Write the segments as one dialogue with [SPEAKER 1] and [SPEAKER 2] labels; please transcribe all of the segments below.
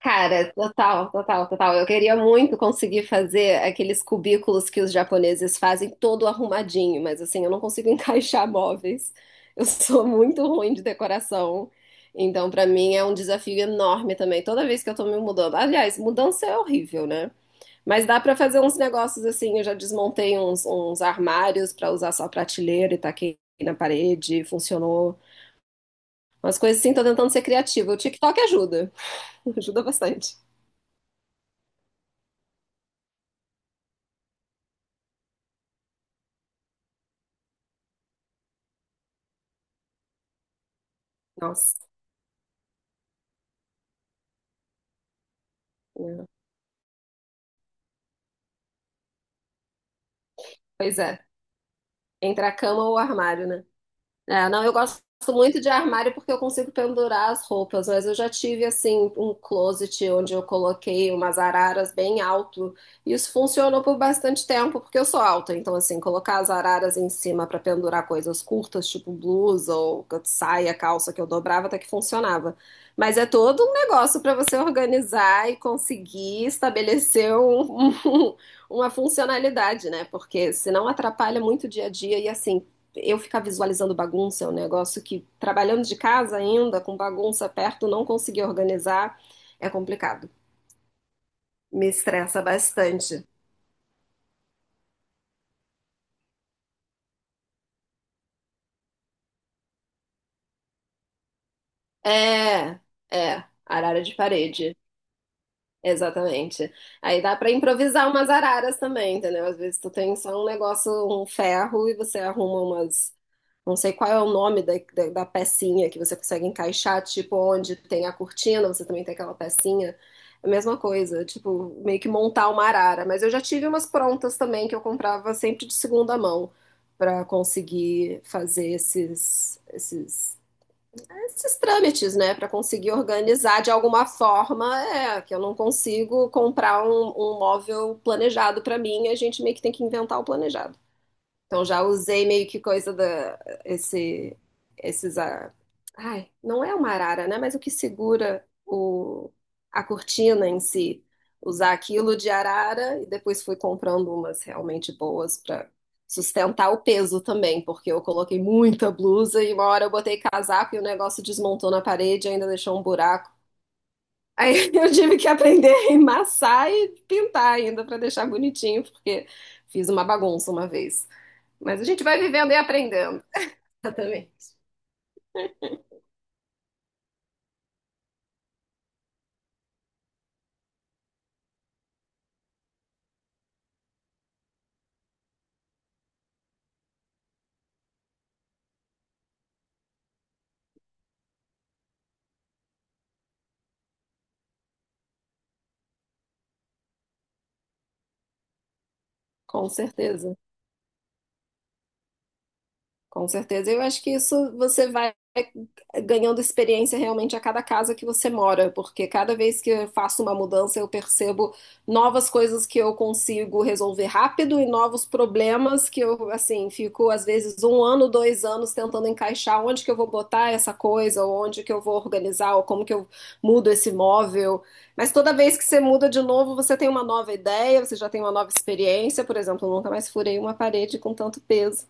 [SPEAKER 1] Cara, total, total, total. Eu queria muito conseguir fazer aqueles cubículos que os japoneses fazem todo arrumadinho, mas assim, eu não consigo encaixar móveis. Eu sou muito ruim de decoração. Então, pra mim é um desafio enorme também. Toda vez que eu tô me mudando. Aliás, mudança é horrível, né? Mas dá pra fazer uns negócios assim. Eu já desmontei uns armários pra usar só prateleira e taquei na parede, funcionou. Umas coisas assim, tô tentando ser criativa. O TikTok ajuda, ajuda bastante. Nossa. Né? Pois é. Entre a cama ou o armário, né? É, não, eu gosto muito de armário porque eu consigo pendurar as roupas, mas eu já tive assim um closet onde eu coloquei umas araras bem alto. E isso funcionou por bastante tempo, porque eu sou alta, então assim, colocar as araras em cima para pendurar coisas curtas, tipo blusa ou saia, calça que eu dobrava, até que funcionava. Mas é todo um negócio para você organizar e conseguir estabelecer uma funcionalidade, né? Porque senão atrapalha muito o dia a dia e assim, eu ficar visualizando bagunça é um negócio que, trabalhando de casa ainda, com bagunça perto, não conseguir organizar, é complicado. Me estressa bastante. É, é, arara de parede. Exatamente. Aí dá pra improvisar umas araras também, entendeu? Às vezes tu tem só um negócio, um ferro, e você arruma umas. Não sei qual é o nome da pecinha que você consegue encaixar, tipo, onde tem a cortina, você também tem aquela pecinha. É a mesma coisa, tipo, meio que montar uma arara. Mas eu já tive umas prontas também que eu comprava sempre de segunda mão pra conseguir fazer esses trâmites, né, para conseguir organizar de alguma forma, é, que eu não consigo comprar um móvel planejado para mim, a gente meio que tem que inventar o planejado. Então já usei meio que coisa da esse esses não é uma arara, né, mas o que segura o a cortina em si, usar aquilo de arara e depois fui comprando umas realmente boas para sustentar o peso também, porque eu coloquei muita blusa e uma hora eu botei casaco e o negócio desmontou na parede e ainda deixou um buraco. Aí eu tive que aprender a emassar e pintar ainda para deixar bonitinho, porque fiz uma bagunça uma vez. Mas a gente vai vivendo e aprendendo. Exatamente. Com certeza. Com certeza. Eu acho que isso você vai ganhando experiência realmente a cada casa que você mora, porque cada vez que eu faço uma mudança, eu percebo novas coisas que eu consigo resolver rápido e novos problemas que eu, assim, fico às vezes um ano, dois anos tentando encaixar onde que eu vou botar essa coisa, ou onde que eu vou organizar, ou como que eu mudo esse móvel. Mas toda vez que você muda de novo, você tem uma nova ideia, você já tem uma nova experiência. Por exemplo, eu nunca mais furei uma parede com tanto peso.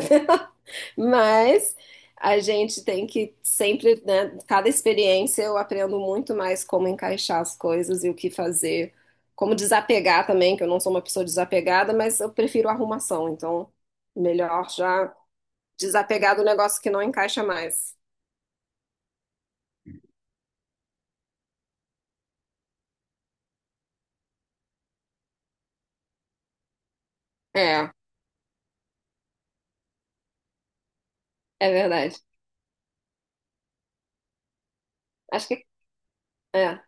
[SPEAKER 1] Mas a gente tem que sempre, né, cada experiência eu aprendo muito mais como encaixar as coisas e o que fazer, como desapegar também, que eu não sou uma pessoa desapegada, mas eu prefiro arrumação, então melhor já desapegar do negócio que não encaixa mais. É, é verdade. Acho que é.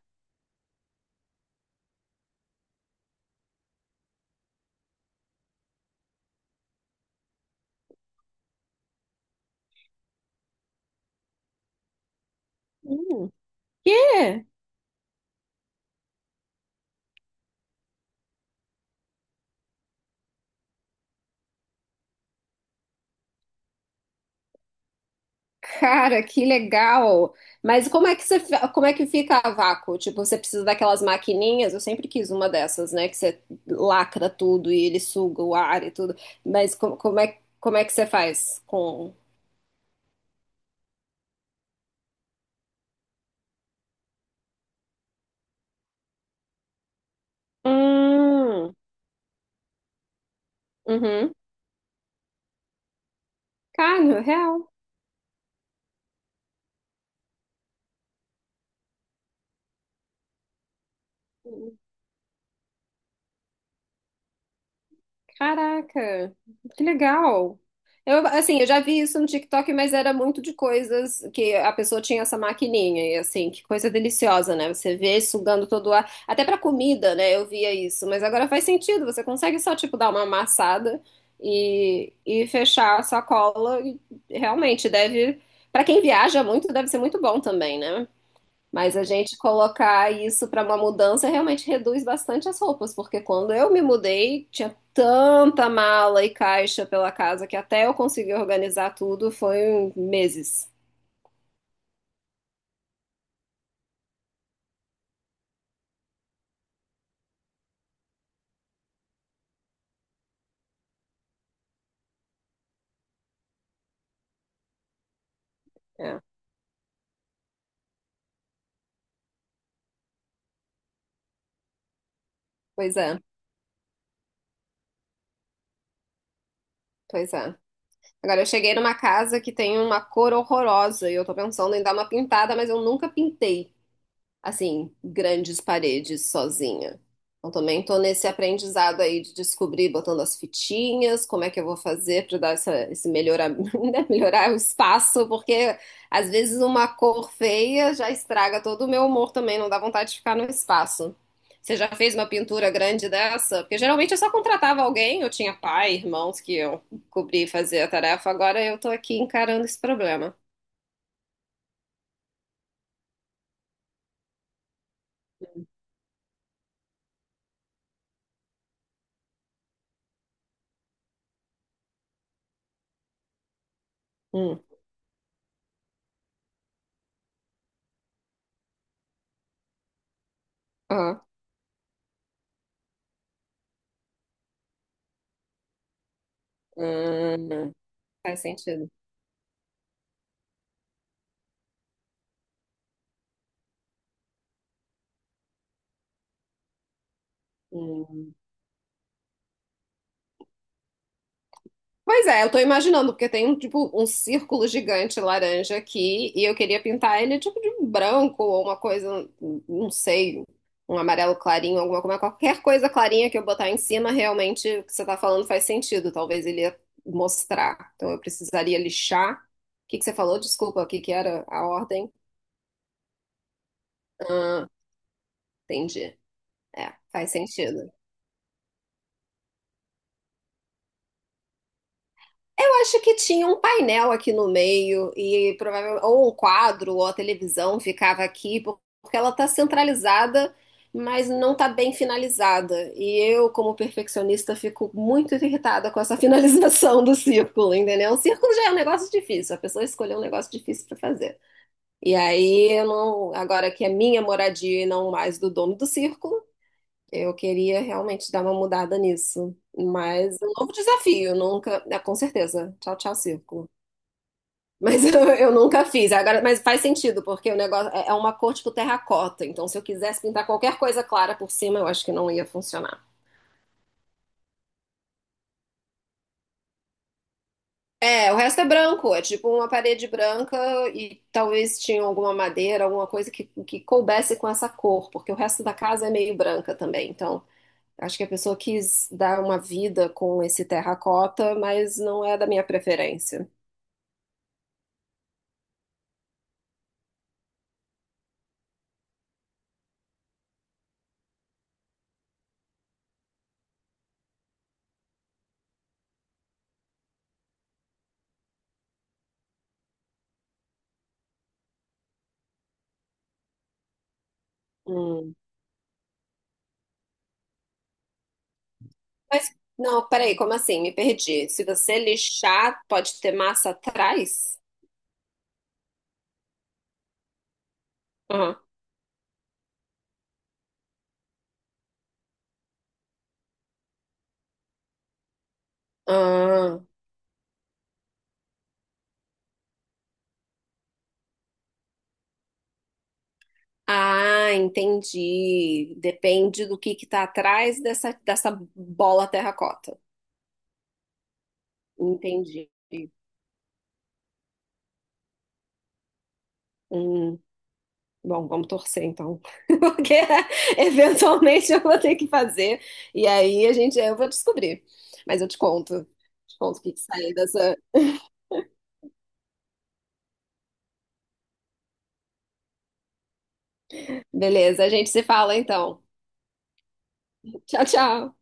[SPEAKER 1] Hum, quê? Cara, que legal! Mas como é que você, como é que fica a vácuo? Tipo, você precisa daquelas maquininhas? Eu sempre quis uma dessas, né? Que você lacra tudo e ele suga o ar e tudo. Mas como é que você faz com... Hum, uhum. Cara, real. Caraca, que legal. Eu, assim, eu já vi isso no TikTok, mas era muito de coisas que a pessoa tinha essa maquininha e assim, que coisa deliciosa, né? Você vê sugando todo o ar, até pra comida, né? Eu via isso, mas agora faz sentido, você consegue só tipo dar uma amassada e fechar a sacola e realmente deve, pra quem viaja muito, deve ser muito bom também, né? Mas a gente colocar isso para uma mudança realmente reduz bastante as roupas, porque quando eu me mudei, tinha tanta mala e caixa pela casa que até eu conseguir organizar tudo foi um meses. É. Pois é, pois é. Agora eu cheguei numa casa que tem uma cor horrorosa e eu tô pensando em dar uma pintada, mas eu nunca pintei. Assim, grandes paredes sozinha. Então também estou nesse aprendizado aí de descobrir, botando as fitinhas, como é que eu vou fazer para dar esse melhorar, né, melhorar o espaço, porque às vezes uma cor feia já estraga todo o meu humor também, não dá vontade de ficar no espaço. Você já fez uma pintura grande dessa? Porque geralmente eu só contratava alguém, eu tinha pai, irmãos que eu cobrir e fazer a tarefa, agora eu tô aqui encarando esse problema. Hum. Ah, hum, faz sentido. Hum. Pois é, eu tô imaginando, porque tem um tipo um círculo gigante laranja aqui e eu queria pintar ele tipo de branco ou uma coisa, não sei, um amarelo clarinho, alguma coisa, qualquer coisa clarinha que eu botar em cima, realmente o que você tá falando faz sentido, talvez ele ia mostrar. Então eu precisaria lixar. O que que você falou? Desculpa, o que que era a ordem? Ah, entendi. É, faz sentido. Eu acho que tinha um painel aqui no meio e provavelmente ou um quadro ou a televisão ficava aqui porque ela está centralizada, mas não está bem finalizada. E eu, como perfeccionista, fico muito irritada com essa finalização do círculo, entendeu? O círculo já é um negócio difícil, a pessoa escolheu um negócio difícil para fazer. E aí, eu não, agora que é minha moradia e não mais do dono do círculo, eu queria realmente dar uma mudada nisso. Mas é um novo desafio, nunca. É, com certeza. Tchau, tchau, círculo. Mas eu nunca fiz. Agora, mas faz sentido, porque o negócio é uma cor tipo terracota. Então, se eu quisesse pintar qualquer coisa clara por cima, eu acho que não ia funcionar. É, o resto é branco. É tipo uma parede branca e talvez tinha alguma madeira, alguma coisa que coubesse com essa cor, porque o resto da casa é meio branca também. Então. Acho que a pessoa quis dar uma vida com esse terracota, mas não é da minha preferência. Hum. Mas, não, peraí, como assim? Me perdi. Se você lixar, pode ter massa atrás? Aham. Ah, ah, entendi. Depende do que tá atrás dessa bola terracota. Entendi. Hum, bom, vamos torcer então, porque eventualmente eu vou ter que fazer e aí a gente eu vou descobrir. Mas eu te conto o que que sai dessa. Beleza, a gente se fala então. Tchau, tchau.